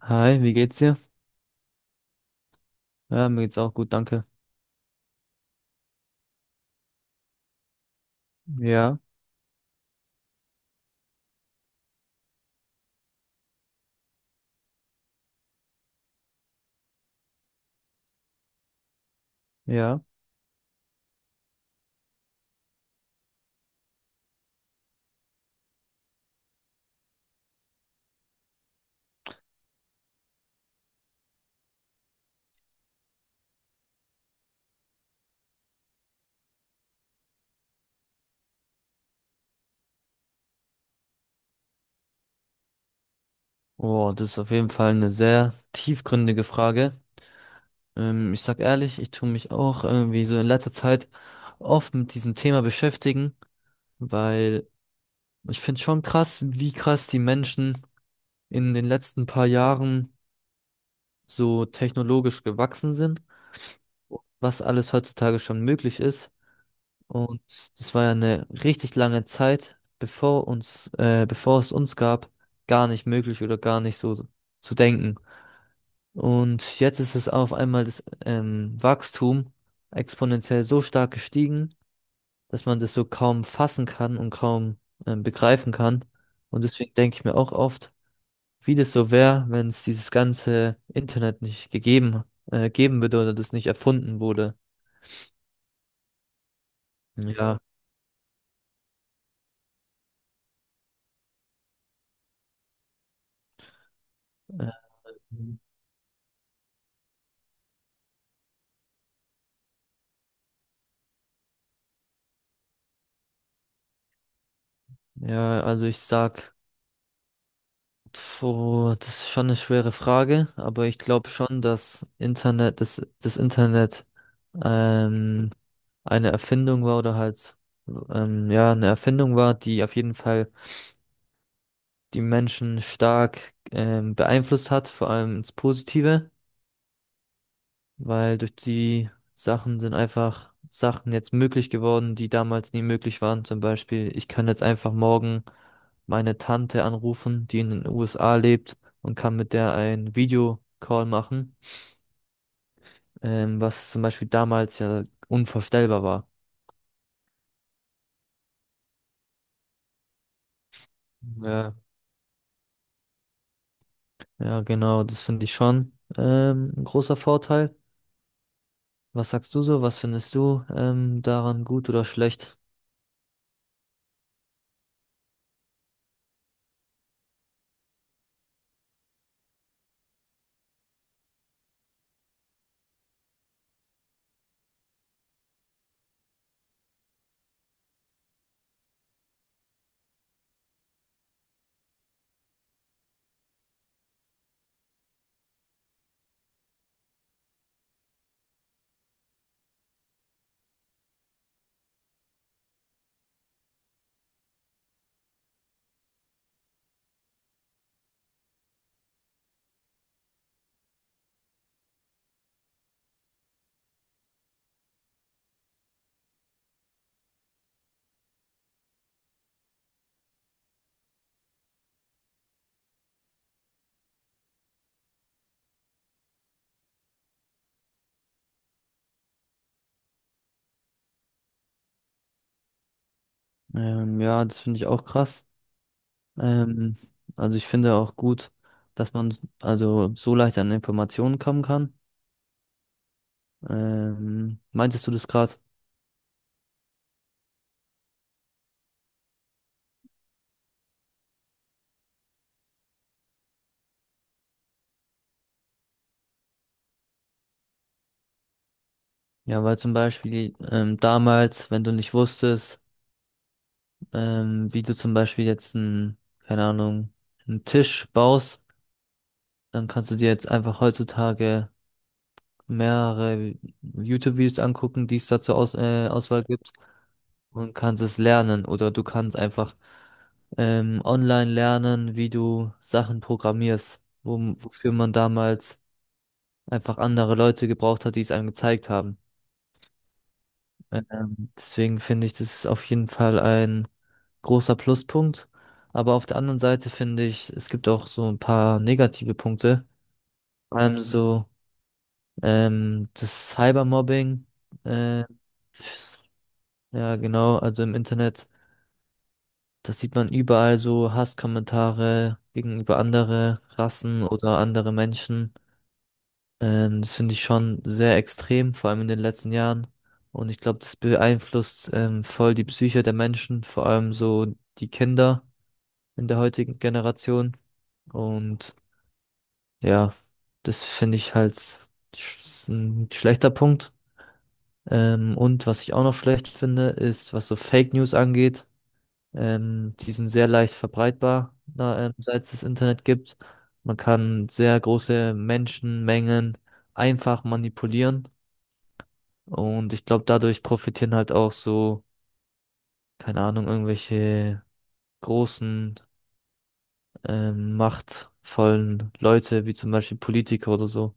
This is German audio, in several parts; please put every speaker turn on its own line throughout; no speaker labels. Hi, wie geht's dir? Ja, mir geht's auch gut, danke. Ja, ja. Oh, das ist auf jeden Fall eine sehr tiefgründige Frage. Ich sag ehrlich, ich tue mich auch irgendwie so in letzter Zeit oft mit diesem Thema beschäftigen, weil ich finde schon krass, wie krass die Menschen in den letzten paar Jahren so technologisch gewachsen sind, was alles heutzutage schon möglich ist. Und das war ja eine richtig lange Zeit, bevor es uns gab, gar nicht möglich oder gar nicht so zu denken. Und jetzt ist es auf einmal das Wachstum exponentiell so stark gestiegen, dass man das so kaum fassen kann und kaum begreifen kann. Und deswegen denke ich mir auch oft, wie das so wäre, wenn es dieses ganze Internet nicht geben würde oder das nicht erfunden wurde. Ja, äh, ja, also ich sag so, das ist schon eine schwere Frage, aber ich glaube schon, dass das Internet ähm, eine Erfindung war, eine Erfindung war, die auf jeden Fall die Menschen stark beeinflusst hat, vor allem ins Positive. Weil durch die Sachen sind einfach Sachen jetzt möglich geworden, die damals nie möglich waren. Zum Beispiel, ich kann jetzt einfach morgen meine Tante anrufen, die in den USA lebt und kann mit der ein Videocall machen, was zum Beispiel damals ja unvorstellbar war. Ja. Ja, genau, das finde ich schon ein großer Vorteil. Was sagst du so? Was findest du daran gut oder schlecht? Ja, das finde ich auch krass. Ähm, also ich finde auch gut, dass man also so leicht an Informationen kommen kann. Meintest du das gerade? Ja, weil zum Beispiel damals, wenn du nicht wusstest, wie du zum Beispiel jetzt einen, keine Ahnung, einen Tisch baust, dann kannst du dir jetzt einfach heutzutage mehrere YouTube-Videos angucken, die es dazu aus, Auswahl gibt. Und kannst es lernen oder du kannst einfach online lernen, wie du Sachen programmierst, wofür man damals einfach andere Leute gebraucht hat, die es einem gezeigt haben. Deswegen finde ich, das ist auf jeden Fall ein großer Pluspunkt. Aber auf der anderen Seite finde ich, es gibt auch so ein paar negative Punkte. Vor allem so das Cybermobbing. Äh, ja, genau, also im Internet. Das sieht man überall, so Hasskommentare gegenüber andere Rassen oder andere Menschen. Das finde ich schon sehr extrem, vor allem in den letzten Jahren. Und ich glaube, das beeinflusst voll die Psyche der Menschen, vor allem so die Kinder in der heutigen Generation. Und ja, das finde ich halt sch ein schlechter Punkt. Und was ich auch noch schlecht finde, ist, was so Fake News angeht. Die sind sehr leicht verbreitbar, seit es das Internet gibt. Man kann sehr große Menschenmengen einfach manipulieren. Und ich glaube, dadurch profitieren halt auch so, keine Ahnung, irgendwelche großen, machtvollen Leute, wie zum Beispiel Politiker oder so.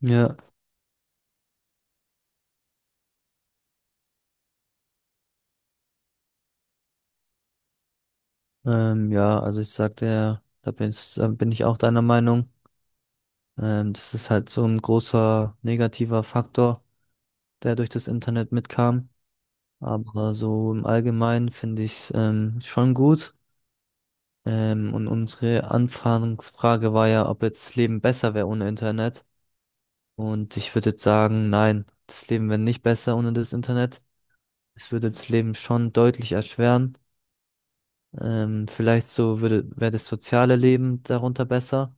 Ja, ja, also ich sagte ja, da bin ich auch deiner Meinung. Das ist halt so ein großer negativer Faktor, der durch das Internet mitkam. Aber so im Allgemeinen finde ich es schon gut. Und unsere Anfangsfrage war ja, ob jetzt das Leben besser wäre ohne Internet. Und ich würde jetzt sagen, nein, das Leben wäre nicht besser ohne das Internet. Es würde das Leben schon deutlich erschweren. Vielleicht wäre das soziale Leben darunter besser.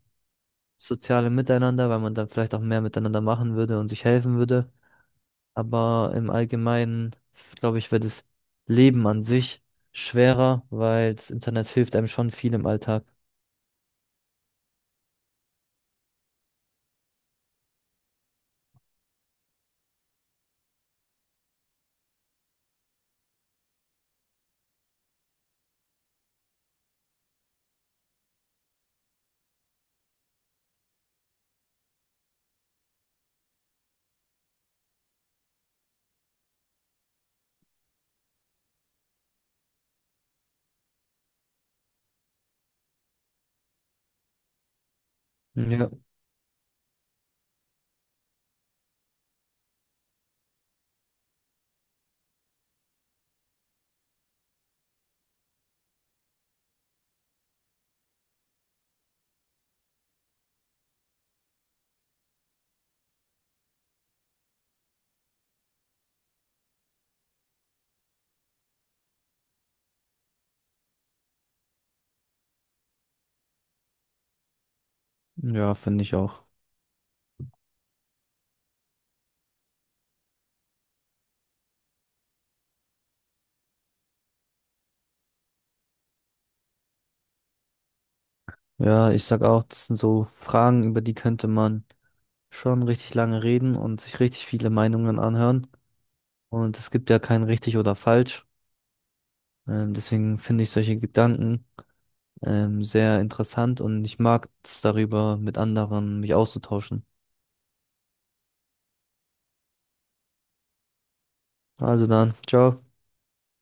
Soziale Miteinander, weil man dann vielleicht auch mehr miteinander machen würde und sich helfen würde. Aber im Allgemeinen, glaube ich, wird das Leben an sich schwerer, weil das Internet hilft einem schon viel im Alltag. Ja, ja, finde ich auch. Ja, ich sag auch, das sind so Fragen, über die könnte man schon richtig lange reden und sich richtig viele Meinungen anhören. Und es gibt ja kein richtig oder falsch. Deswegen finde ich solche Gedanken sehr interessant und ich mag es, darüber mit anderen mich auszutauschen. Also dann, ciao.